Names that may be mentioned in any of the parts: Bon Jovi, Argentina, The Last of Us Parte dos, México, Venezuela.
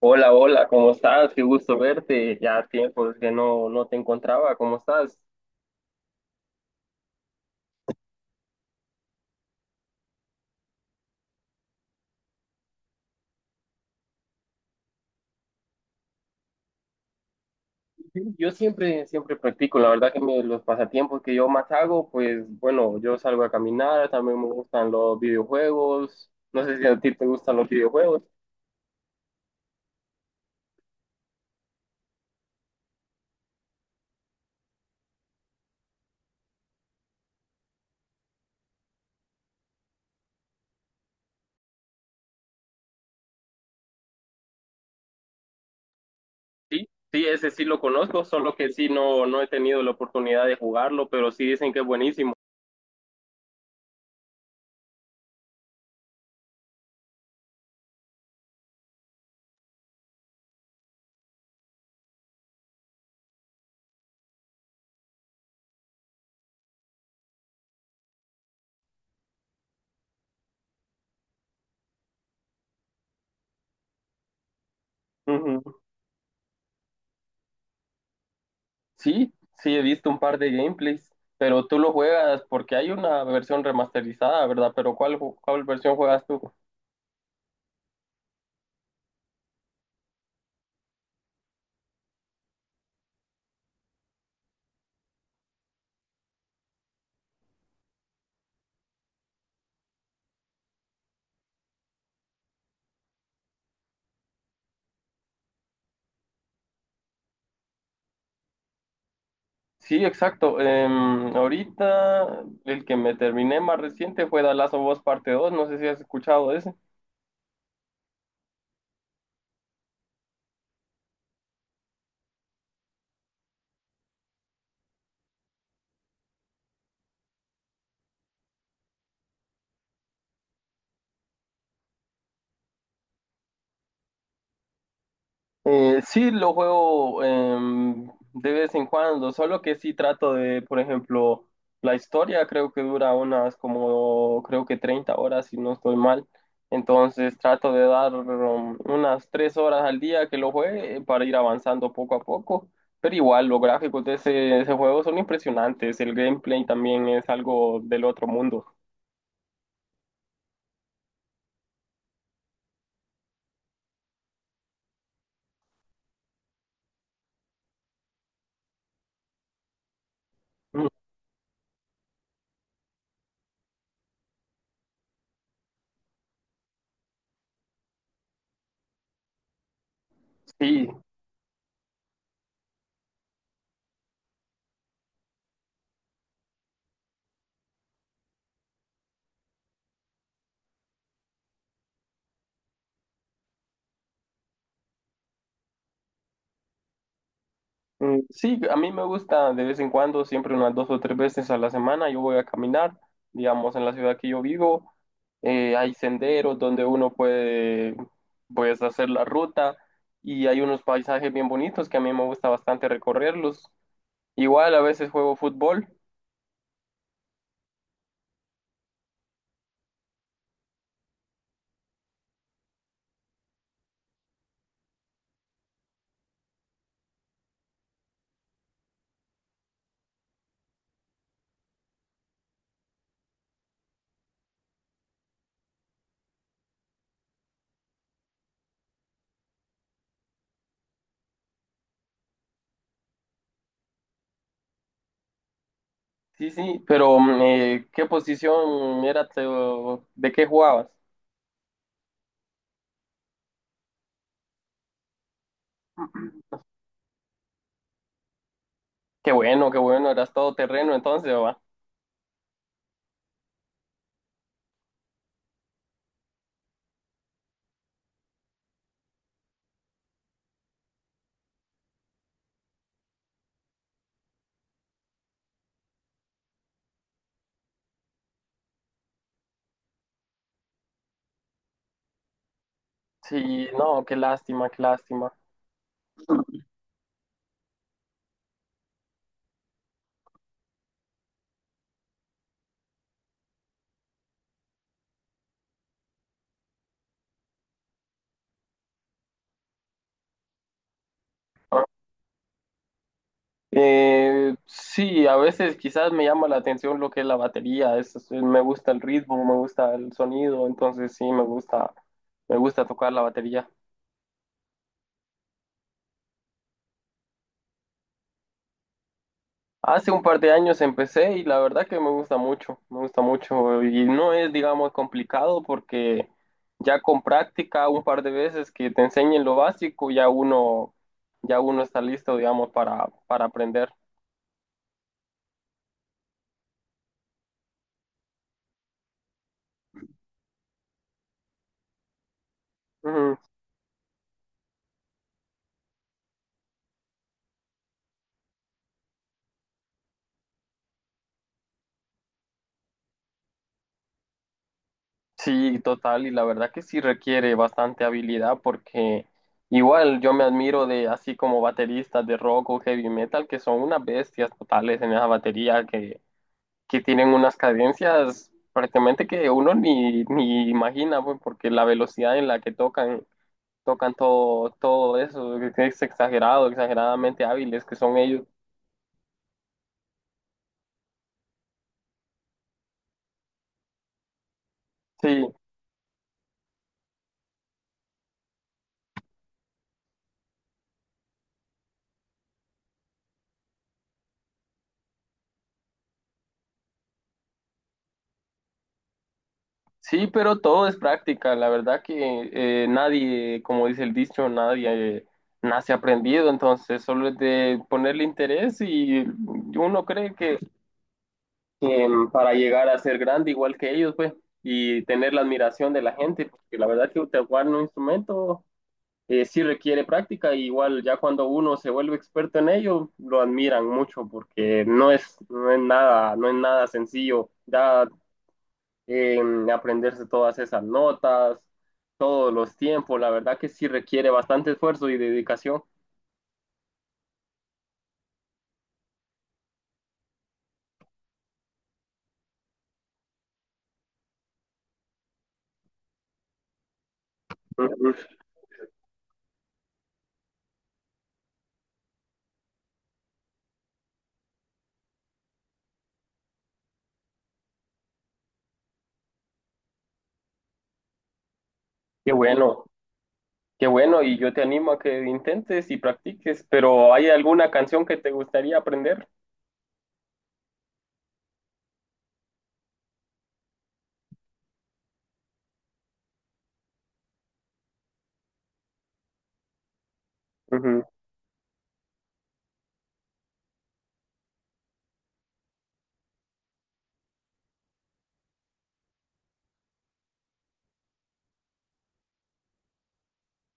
Hola, hola, ¿cómo estás? Qué gusto verte. Ya tiempo que no te encontraba. ¿Cómo estás? Yo siempre, siempre practico. La verdad que los pasatiempos que yo más hago, pues bueno, yo salgo a caminar, también me gustan los videojuegos. No sé si a ti te gustan los videojuegos. Sí, sí, ese sí lo conozco, solo que sí no he tenido la oportunidad de jugarlo, pero sí dicen que es buenísimo. Ujú. Sí, sí, he visto un par de gameplays, pero tú lo juegas porque hay una versión remasterizada, ¿verdad? Pero ¿cuál versión juegas tú? Sí, exacto. Ahorita el que me terminé más reciente fue The Last of Us Parte II. No sé si has escuchado ese. Sí, lo juego de vez en cuando, solo que sí trato de, por ejemplo, la historia creo que dura unas como, creo que 30 horas, si no estoy mal. Entonces trato de dar unas 3 horas al día que lo juegue para ir avanzando poco a poco. Pero igual, los gráficos de ese juego son impresionantes, el gameplay también es algo del otro mundo. Mm, Sí, Sí, a mí me gusta de vez en cuando, siempre unas 2 o 3 veces a la semana, yo voy a caminar, digamos, en la ciudad que yo vivo, hay senderos donde uno puede, pues, hacer la ruta y hay unos paisajes bien bonitos que a mí me gusta bastante recorrerlos. Igual a veces juego fútbol, sí, sí, pero ¿qué posición era, de qué jugabas? Qué bueno, eras todo terreno entonces, va. Sí, no, qué lástima, qué lástima. Sí, a veces quizás me llama la atención lo que es la batería, me gusta el ritmo, me gusta el sonido, entonces sí, me gusta tocar la batería. Hace un par de años empecé y la verdad que me gusta mucho y no es, digamos, complicado porque ya con práctica un par de veces que te enseñen lo básico, ya uno está listo, digamos, para aprender. Ujú. Sí, total, y la verdad que sí requiere bastante habilidad porque igual yo me admiro de así como bateristas de rock o heavy metal que son unas bestias totales en esa batería que tienen unas cadencias prácticamente que uno ni imagina pues, porque la velocidad en la que tocan todo, eso, que es exagerado, exageradamente hábiles que son ellos. Sí. Sí, pero todo es práctica. La verdad que nadie, como dice el dicho, nadie nace aprendido. Entonces, solo es de ponerle interés y uno cree que, para llegar a ser grande igual que ellos, pues, y tener la admiración de la gente, porque la verdad que tocar un instrumento sí requiere práctica. Y igual ya cuando uno se vuelve experto en ello, lo admiran mucho porque no es nada, no es nada sencillo. Ya en aprenderse todas esas notas, todos los tiempos. La verdad que sí requiere bastante esfuerzo y dedicación. Ujú. Qué bueno, qué bueno. Y yo te animo a que intentes y practiques, pero ¿hay alguna canción que te gustaría aprender?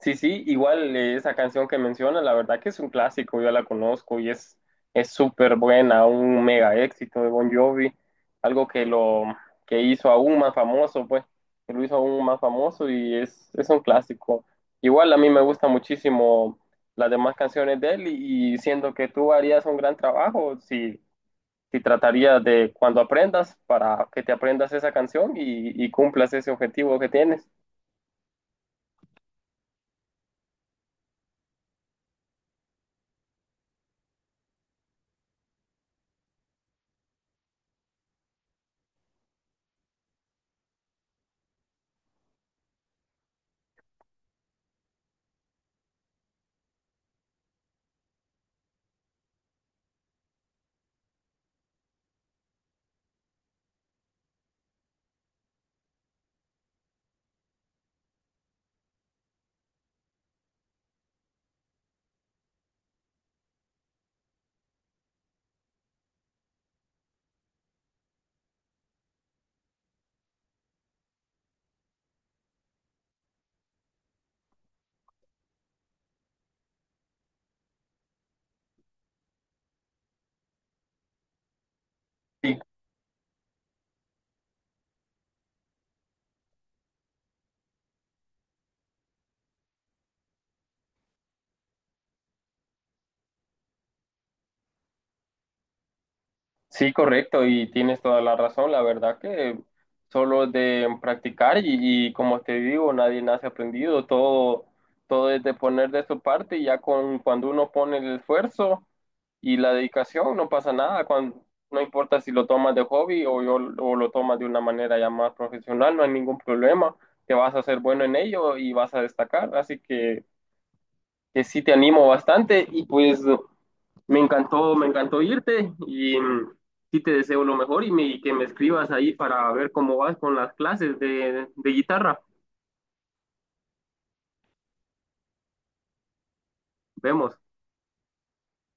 Sí, sí, igual esa canción que menciona, la verdad que es un clásico, yo la conozco y es súper buena, un mega éxito de Bon Jovi, algo que lo que hizo aún más famoso, pues, que lo hizo aún más famoso y es un clásico. Igual a mí me gusta muchísimo las demás canciones de él y siento que tú harías un gran trabajo si tratarías de cuando aprendas para que te aprendas esa canción y cumplas ese objetivo que tienes. Y Sí, correcto, y tienes toda la razón. La verdad que solo de practicar y como te digo, nadie nace aprendido. Todo es de poner de su parte y ya con cuando uno pone el esfuerzo y la dedicación, no pasa nada. No importa si lo tomas de hobby o, o lo tomas de una manera ya más profesional, no hay ningún problema. Te vas a hacer bueno en ello y vas a destacar. Así que sí te animo bastante y pues. Me encantó irte y sí te deseo lo mejor y, y que me escribas ahí para ver cómo vas con las clases de guitarra. Vemos.